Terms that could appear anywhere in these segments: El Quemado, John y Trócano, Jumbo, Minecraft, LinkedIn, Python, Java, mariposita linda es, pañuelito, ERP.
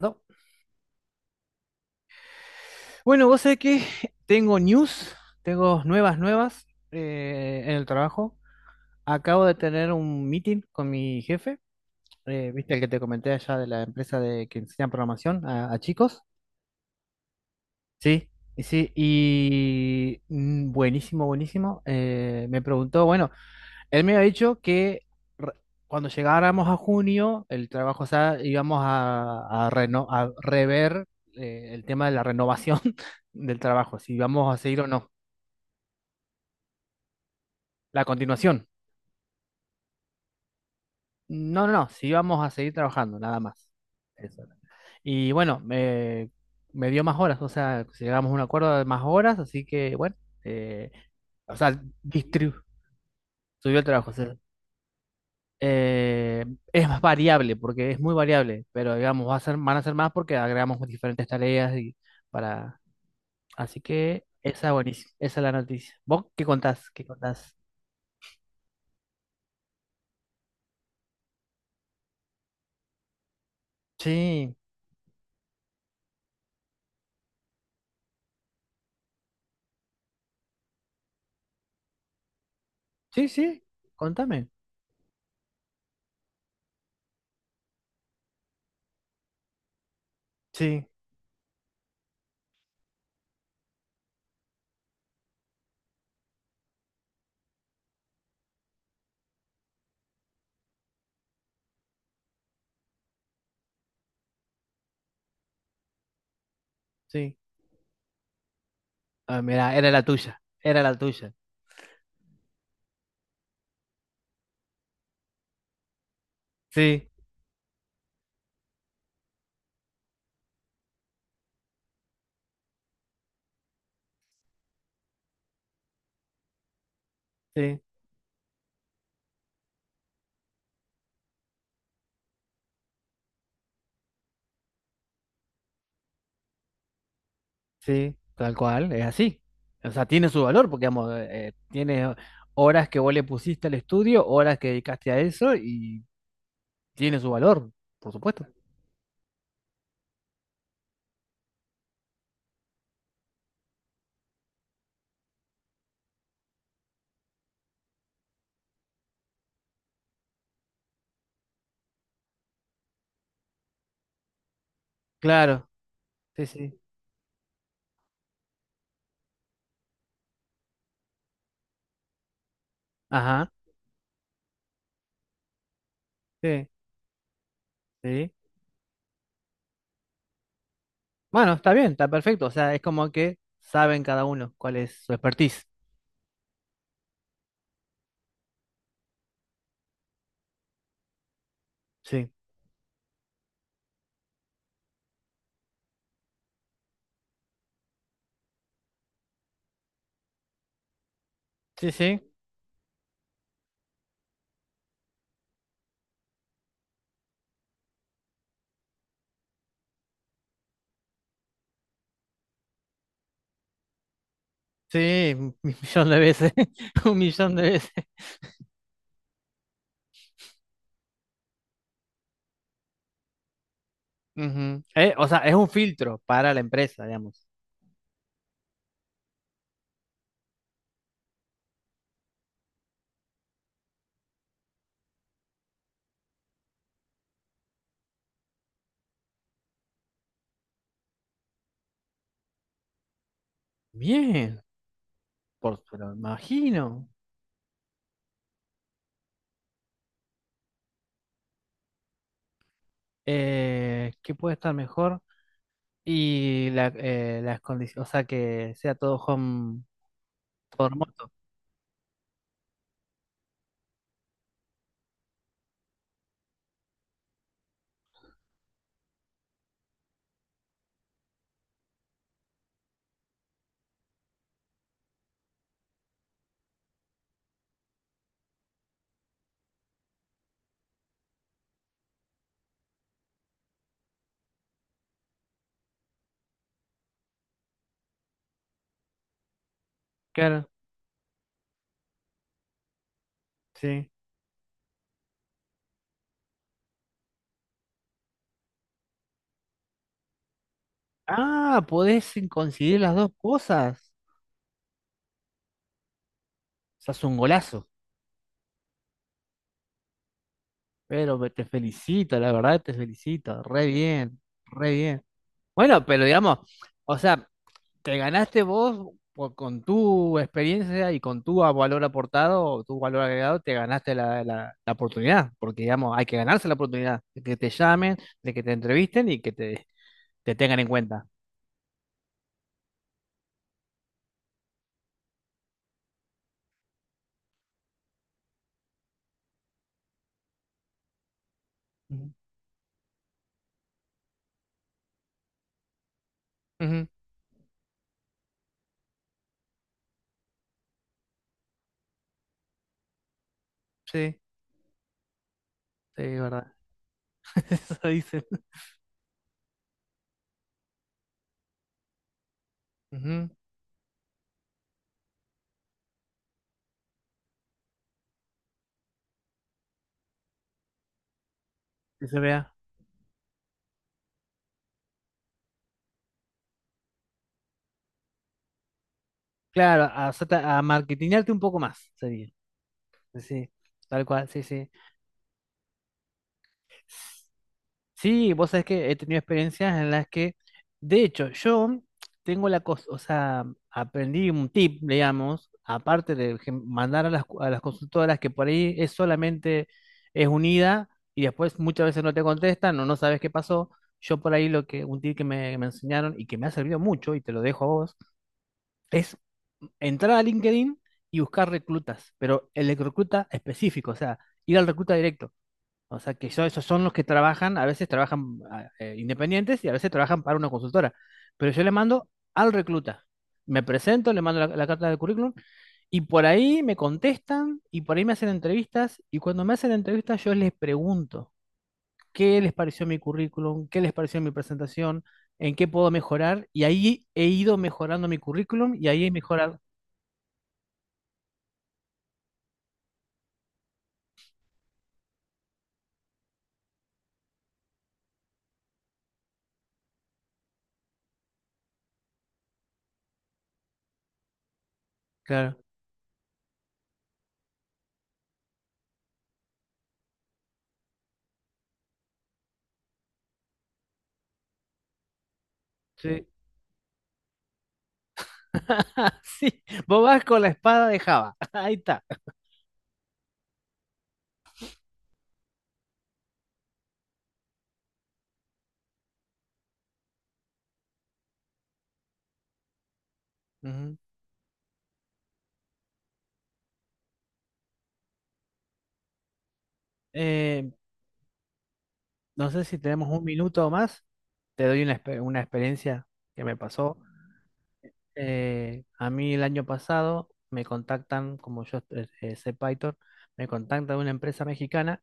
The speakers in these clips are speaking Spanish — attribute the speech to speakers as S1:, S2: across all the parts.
S1: No. Bueno, vos sabés que tengo news, tengo nuevas, nuevas en el trabajo. Acabo de tener un meeting con mi jefe. Viste el que te comenté allá de la empresa de que enseña programación a chicos. Sí, y sí, y buenísimo, buenísimo. Me preguntó, bueno, él me había dicho que re- cuando llegáramos a junio, el trabajo, o sea, íbamos a a rever el tema de la renovación del trabajo, si íbamos a seguir o no. La continuación. No, no, no, si íbamos a seguir trabajando, nada más. Eso era. Y bueno, me dio más horas, o sea, llegamos a un acuerdo de más horas, así que bueno, eh, o sea, distribu- subió el trabajo. eh, es más variable, porque es muy variable, pero digamos, va a ser, van a ser más porque agregamos diferentes tareas y para... Así que esa es buenísima, esa es la noticia. ¿Vos qué contás? ¿Qué contás? Sí, sí, sí, contame. Sí, sí. Ah, mira, era la tuya, era la tuya. Sí, sí, sí, tal cual, es así. O sea, tiene su valor porque, digamos, tiene horas que vos le pusiste al estudio, horas que dedicaste a eso y tiene su valor, por supuesto. Claro. Sí, sí. Ajá. Sí, sí. Bueno, está bien, está perfecto. O sea, es como que saben cada uno cuál es su expertise. Sí. Sí, sí. Sí, un millón de veces. Un millón de veces. Ujú. O sea, es un filtro para la empresa, digamos. Bien, pero me imagino. ¿Qué puede estar mejor? Y las condiciones, o sea, que sea todo home, todo remoto. Claro, sí. Ah, podés coincidir las dos cosas. Estás un golazo, pero te felicito, la verdad te felicito, re bien, re bien. Bueno, pero digamos, o sea, te ganaste vos con tu experiencia y con tu valor aportado, o tu valor agregado, te ganaste la oportunidad, porque digamos, hay que ganarse la oportunidad de que te llamen, de que te entrevisten y que te tengan en cuenta. Ujú. Ujú. Sí, sí, es verdad. Eso dicen. Ujú, que se vea. Claro, a marketingarte un poco más, sería. Sí, tal cual, sí, sí. Sí, vos sabés que he tenido experiencias en las que, de hecho, yo tengo la cosa, o sea, aprendí un tip, digamos, aparte de mandar a las, a las consultoras que por ahí es solamente, es unida y después muchas veces no te contestan o no sabes qué pasó. Yo por ahí lo que, un tip que me enseñaron y que me ha servido mucho y te lo dejo a vos, es entrar a LinkedIn y buscar reclutas, pero el recluta específico, o sea, ir al recluta directo. O sea, que esos son los que trabajan, a veces trabajan independientes y a veces trabajan para una consultora. Pero yo le mando al recluta. Me presento, le mando la carta de currículum y por ahí me contestan y por ahí me hacen entrevistas y cuando me hacen entrevistas yo les pregunto qué les pareció mi currículum, qué les pareció mi presentación, en qué puedo mejorar y ahí he ido mejorando mi currículum y ahí he mejorado. Claro. Sí. Sí, vos vas con la espada de Java. Ahí está. Ujú. Eh, No sé si tenemos un minuto o más. Te doy una, una experiencia que me pasó. A mí el año pasado me contactan, como yo sé Python, me contactan de una empresa mexicana,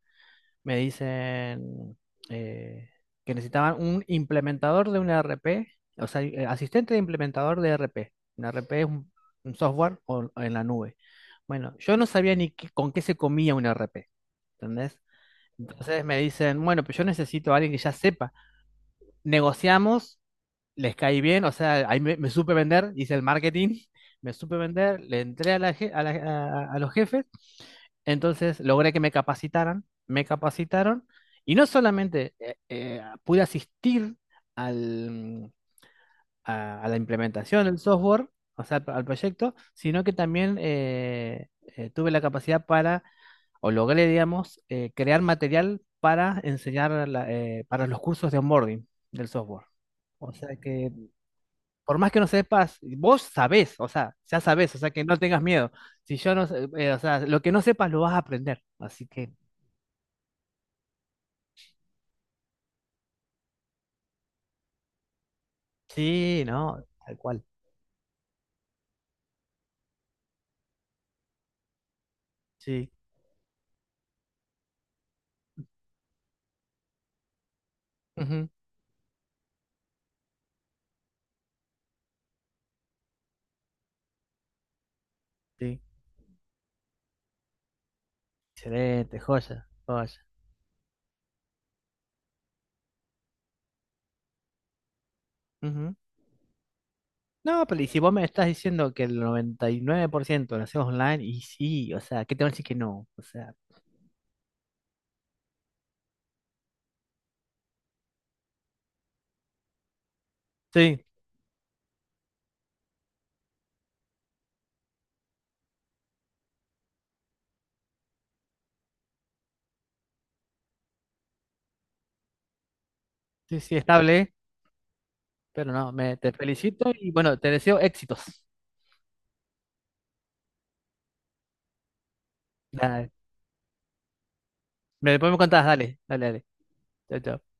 S1: me dicen eh, que necesitaban un implementador de un ERP, o sea, asistente de implementador de ERP. Un ERP es un software en la nube. Bueno, yo no sabía ni con qué se comía un ERP, ¿entendés? Entonces me dicen, bueno, pero yo necesito a alguien que ya sepa, negociamos, les caí bien, o sea, ahí me supe vender, hice el marketing, me supe vender, le entré a, a los jefes, entonces logré que me capacitaran, me capacitaron y no solamente pude asistir al, a la implementación del software, o sea, al proyecto, sino que también tuve la capacidad para, o logré, digamos, crear material para enseñar para los cursos de onboarding del software. O sea que, por más que no sepas, vos sabés, o sea, ya sabés, o sea que no tengas miedo. Si yo no sé, o sea, lo que no sepas lo vas a aprender. Así que, sí, no, tal cual, sí. Ujú, sí, excelente, joya, joya. Ujú. No, pero y si vos me estás diciendo que el 99% lo hacemos online, y sí, o sea, ¿qué te van a decir que no? O sea, sí, sí, sí, estable, pero no, me, te felicito y bueno, te deseo éxitos. Nada, me, después me contás, dale, dale, dale. Chau, chau.